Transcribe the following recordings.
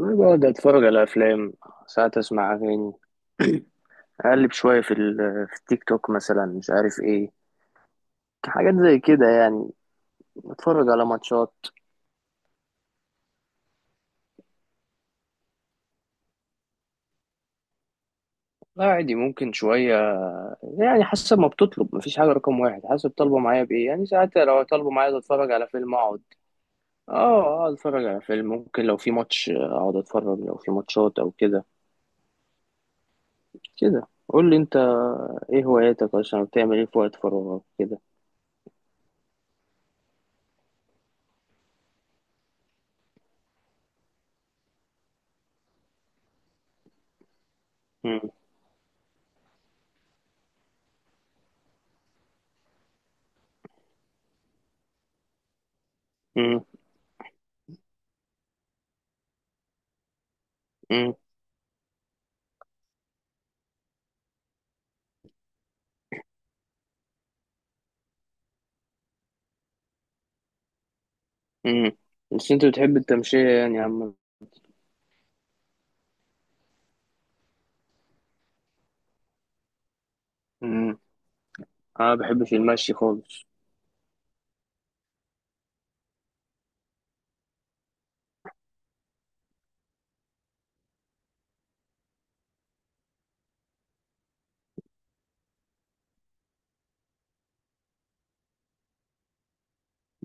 أنا بقعد أتفرج على أفلام. ساعات أسمع أغاني. أقلب شوية في التيك توك مثلا، مش عارف إيه، حاجات زي كده يعني. أتفرج على ماتشات. لا، عادي، ممكن شوية يعني حسب ما بتطلب. مفيش حاجة رقم واحد، حسب طالبة معايا بإيه، يعني ساعات لو طالبة معايا أتفرج على فيلم أقعد. أه، أقعد أتفرج على فيلم، ممكن لو في ماتش أقعد أتفرج، لو في ماتشات أو كده. كده قول لي أنت، إيه هواياتك أصلا، بتعمل إيه في وقت فراغك كده؟ مم. مم. مم. بس انت بتحب التمشية يعني يا عم؟ مم. انا ما بحبش المشي خالص.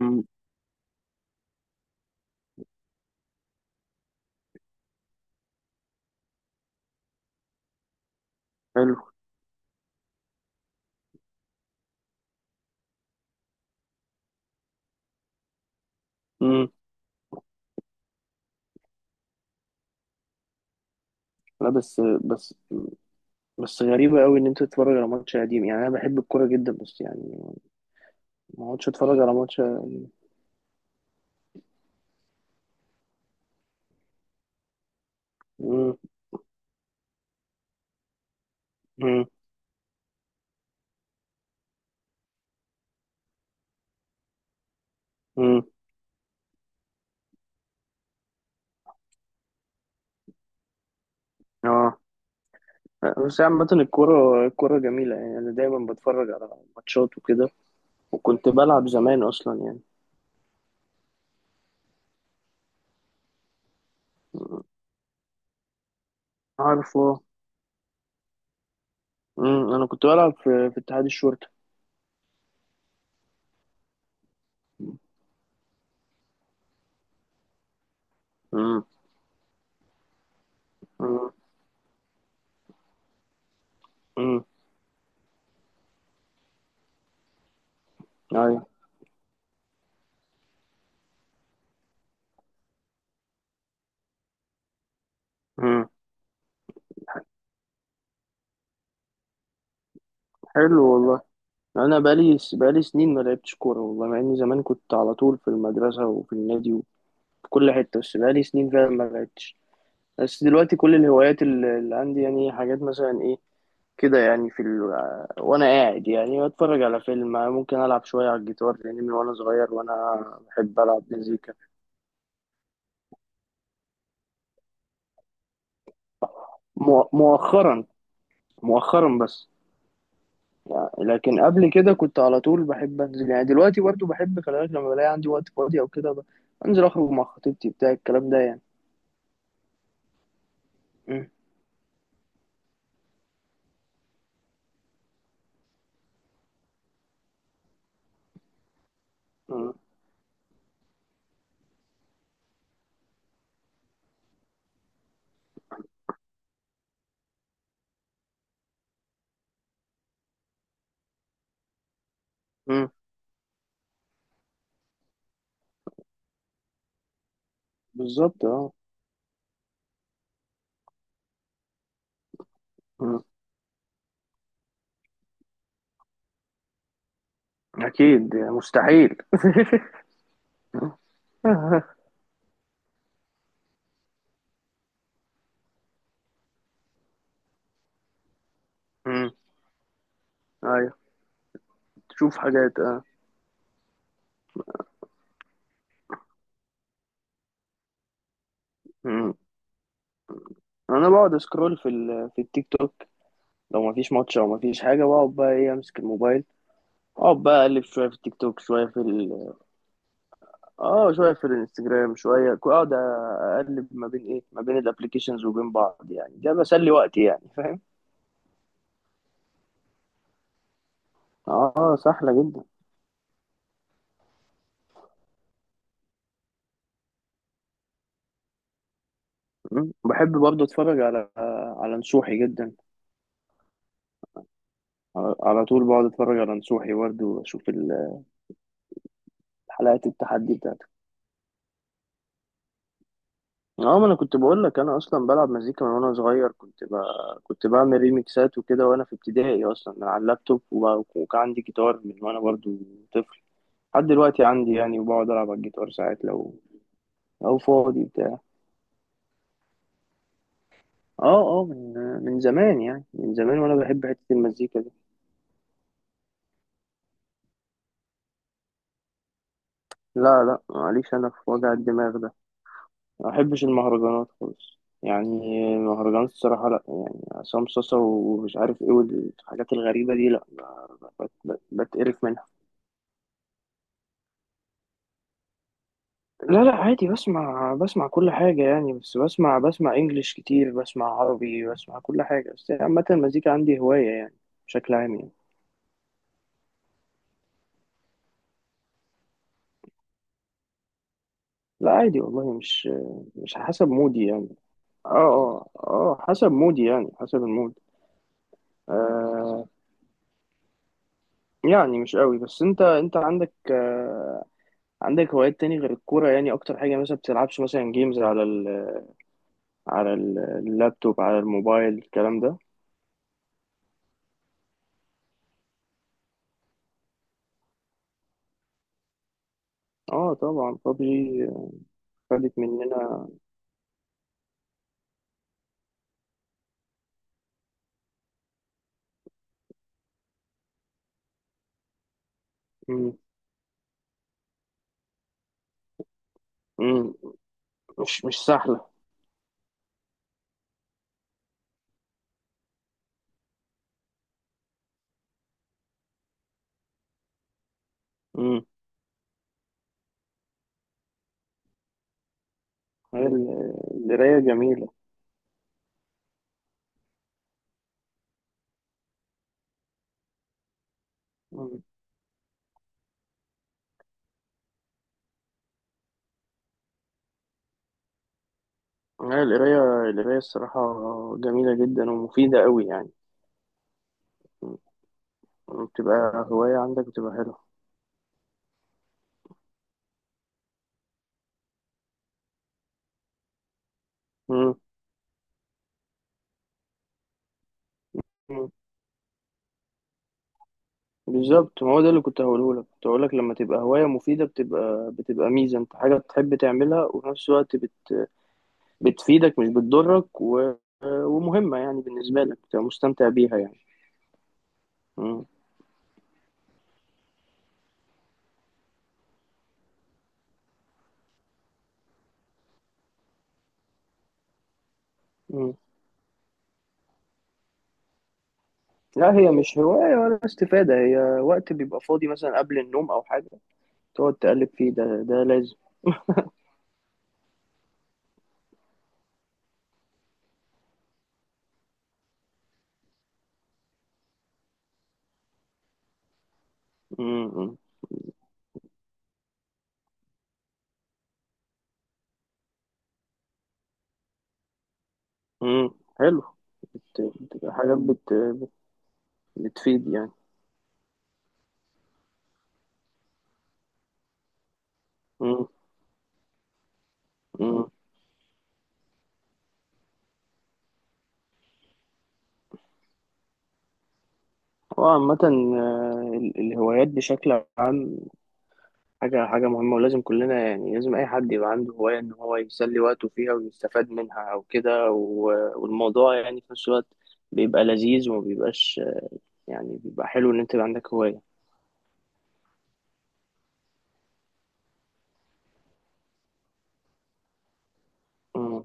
مم. حلو. مم. لا، بس، بس، بس غريبة قوي ان انت تتفرج على ماتش قديم، يعني انا بحب الكورة جدا بس يعني ما اقعدش اتفرج على ماتش. مم. مم. مم. اه، بس عامة الكورة، الكورة جميلة، يعني انا دايما بتفرج على ماتشات وكده، وكنت بلعب زمان اصلا يعني. عارف؟ اه. مم. انا كنت بلعب في اتحاد الشرطة. مم. مم. مم. ايوه. مم. حلو والله. انا بقالي سنين ما لعبتش كوره والله، مع اني زمان كنت على طول في المدرسه وفي النادي وفي كل حته، بس بقالي سنين فعلا ما لعبتش. بس دلوقتي كل الهوايات اللي عندي يعني، حاجات مثلا ايه كده يعني، وانا قاعد يعني بتفرج على فيلم، ممكن العب شويه على الجيتار، لان من وانا صغير وانا بحب العب مزيكا. مؤخرا، مؤخرا بس. لكن قبل كده كنت على طول بحب انزل يعني، دلوقتي برضه بحب، خلي بالك، لما بلاقي عندي وقت فاضي او كده انزل اخرج مع خطيبتي بتاع الكلام ده يعني. مم. مم. بالظبط اه. مم. اكيد يعني مستحيل. مم. ايوه، تشوف حاجات اه. مم. انا بقعد اسكرول في التيك توك، لو ما فيش ماتش او ما فيش حاجه بقعد بقى ايه، امسك الموبايل، اقعد بقى اقلب شويه في التيك توك، شويه اه، شويه في الانستجرام، شويه اقعد اقلب ما بين ايه، ما بين الابلكيشنز وبين بعض يعني. ده بسلي وقتي يعني، فاهم. اه، سهله جدا. مم. بحب برضه اتفرج على، على نصوحي جدا. على طول بقعد اتفرج على نصوحي برضه، واشوف حلقات التحدي بتاعته. اه، ما انا كنت بقول لك، انا اصلا بلعب مزيكا من وانا صغير، كنت بعمل ريميكسات وكده وانا في ابتدائي اصلا من على اللابتوب، وكان عندي جيتار من وانا برضو طفل، لحد دلوقتي عندي يعني، وبقعد العب على الجيتار ساعات، لو لو فاضي بتاع. اه اه، من زمان يعني، من زمان وانا بحب حتة المزيكا دي. لا، لا، معليش، انا في وجع الدماغ ده ما بحبش المهرجانات خالص يعني. المهرجانات الصراحة لا يعني، عصام صاصا ومش عارف ايه والحاجات الغريبة دي، لا، بتقرف منها. لا، لا، عادي، بسمع، بسمع كل حاجة يعني، بس بسمع، بسمع انجليش كتير، بسمع عربي، بسمع كل حاجة، بس عامة المزيكا عندي هواية يعني، بشكل عام يعني. لا، عادي والله، مش حسب مودي يعني. اه اه اه، حسب مودي يعني، حسب المود. آه، يعني مش قوي. بس انت عندك آه، عندك هوايات تاني غير الكورة يعني؟ أكتر حاجة مثلا، بتلعبش مثلا جيمز على ال، على اللابتوب، على الموبايل، الكلام ده؟ اه طبعا، ببجي، خدت مننا. مم. مم. مش، سهلة. مم. هي القراية جميلة. مم. هي القراية، القراية الصراحة جميلة جدا ومفيدة أوي يعني. مم. بتبقى هواية عندك، بتبقى حلوة. مم. مم. بالظبط، ما هو ده اللي كنت هقوله لك، كنت هقول لك، لما تبقى هواية مفيدة بتبقى، ميزة، انت حاجة بتحب تعملها وفي نفس الوقت بتفيدك، مش بتضرك، ومهمة يعني بالنسبة لك، تبقى مستمتع بيها يعني. مم. مم. لا، هي مش هواية ولا استفادة، هي وقت بيبقى فاضي مثلا قبل النوم أو حاجة تقعد تقلب فيه، ده لازم. مم. مم. مم. حلو. بتبقى حاجات بتفيد يعني. مم. مم. وعامة آه، الهوايات بشكل عام حاجة، مهمة، ولازم كلنا يعني، لازم أي حد يبقى عنده هواية، إن هو يسلي وقته فيها ويستفاد منها أو كده، والموضوع يعني في نفس الوقت بيبقى لذيذ وما بيبقاش يعني، بيبقى حلو إن أنت يبقى عندك هواية. مم.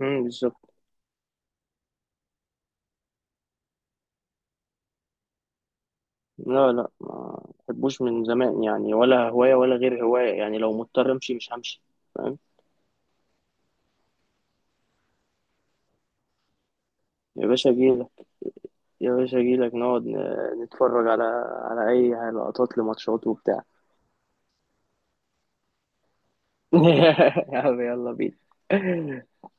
مم، بالظبط. لا، لا، ما بحبوش من زمان يعني، ولا هواية ولا غير هواية يعني، لو مضطر أمشي مش همشي، فاهم. يا باشا أجيلك، يا باشا أجيلك نقعد نتفرج على، على أي لقطات لماتشات وبتاع. يا عم يلا بينا.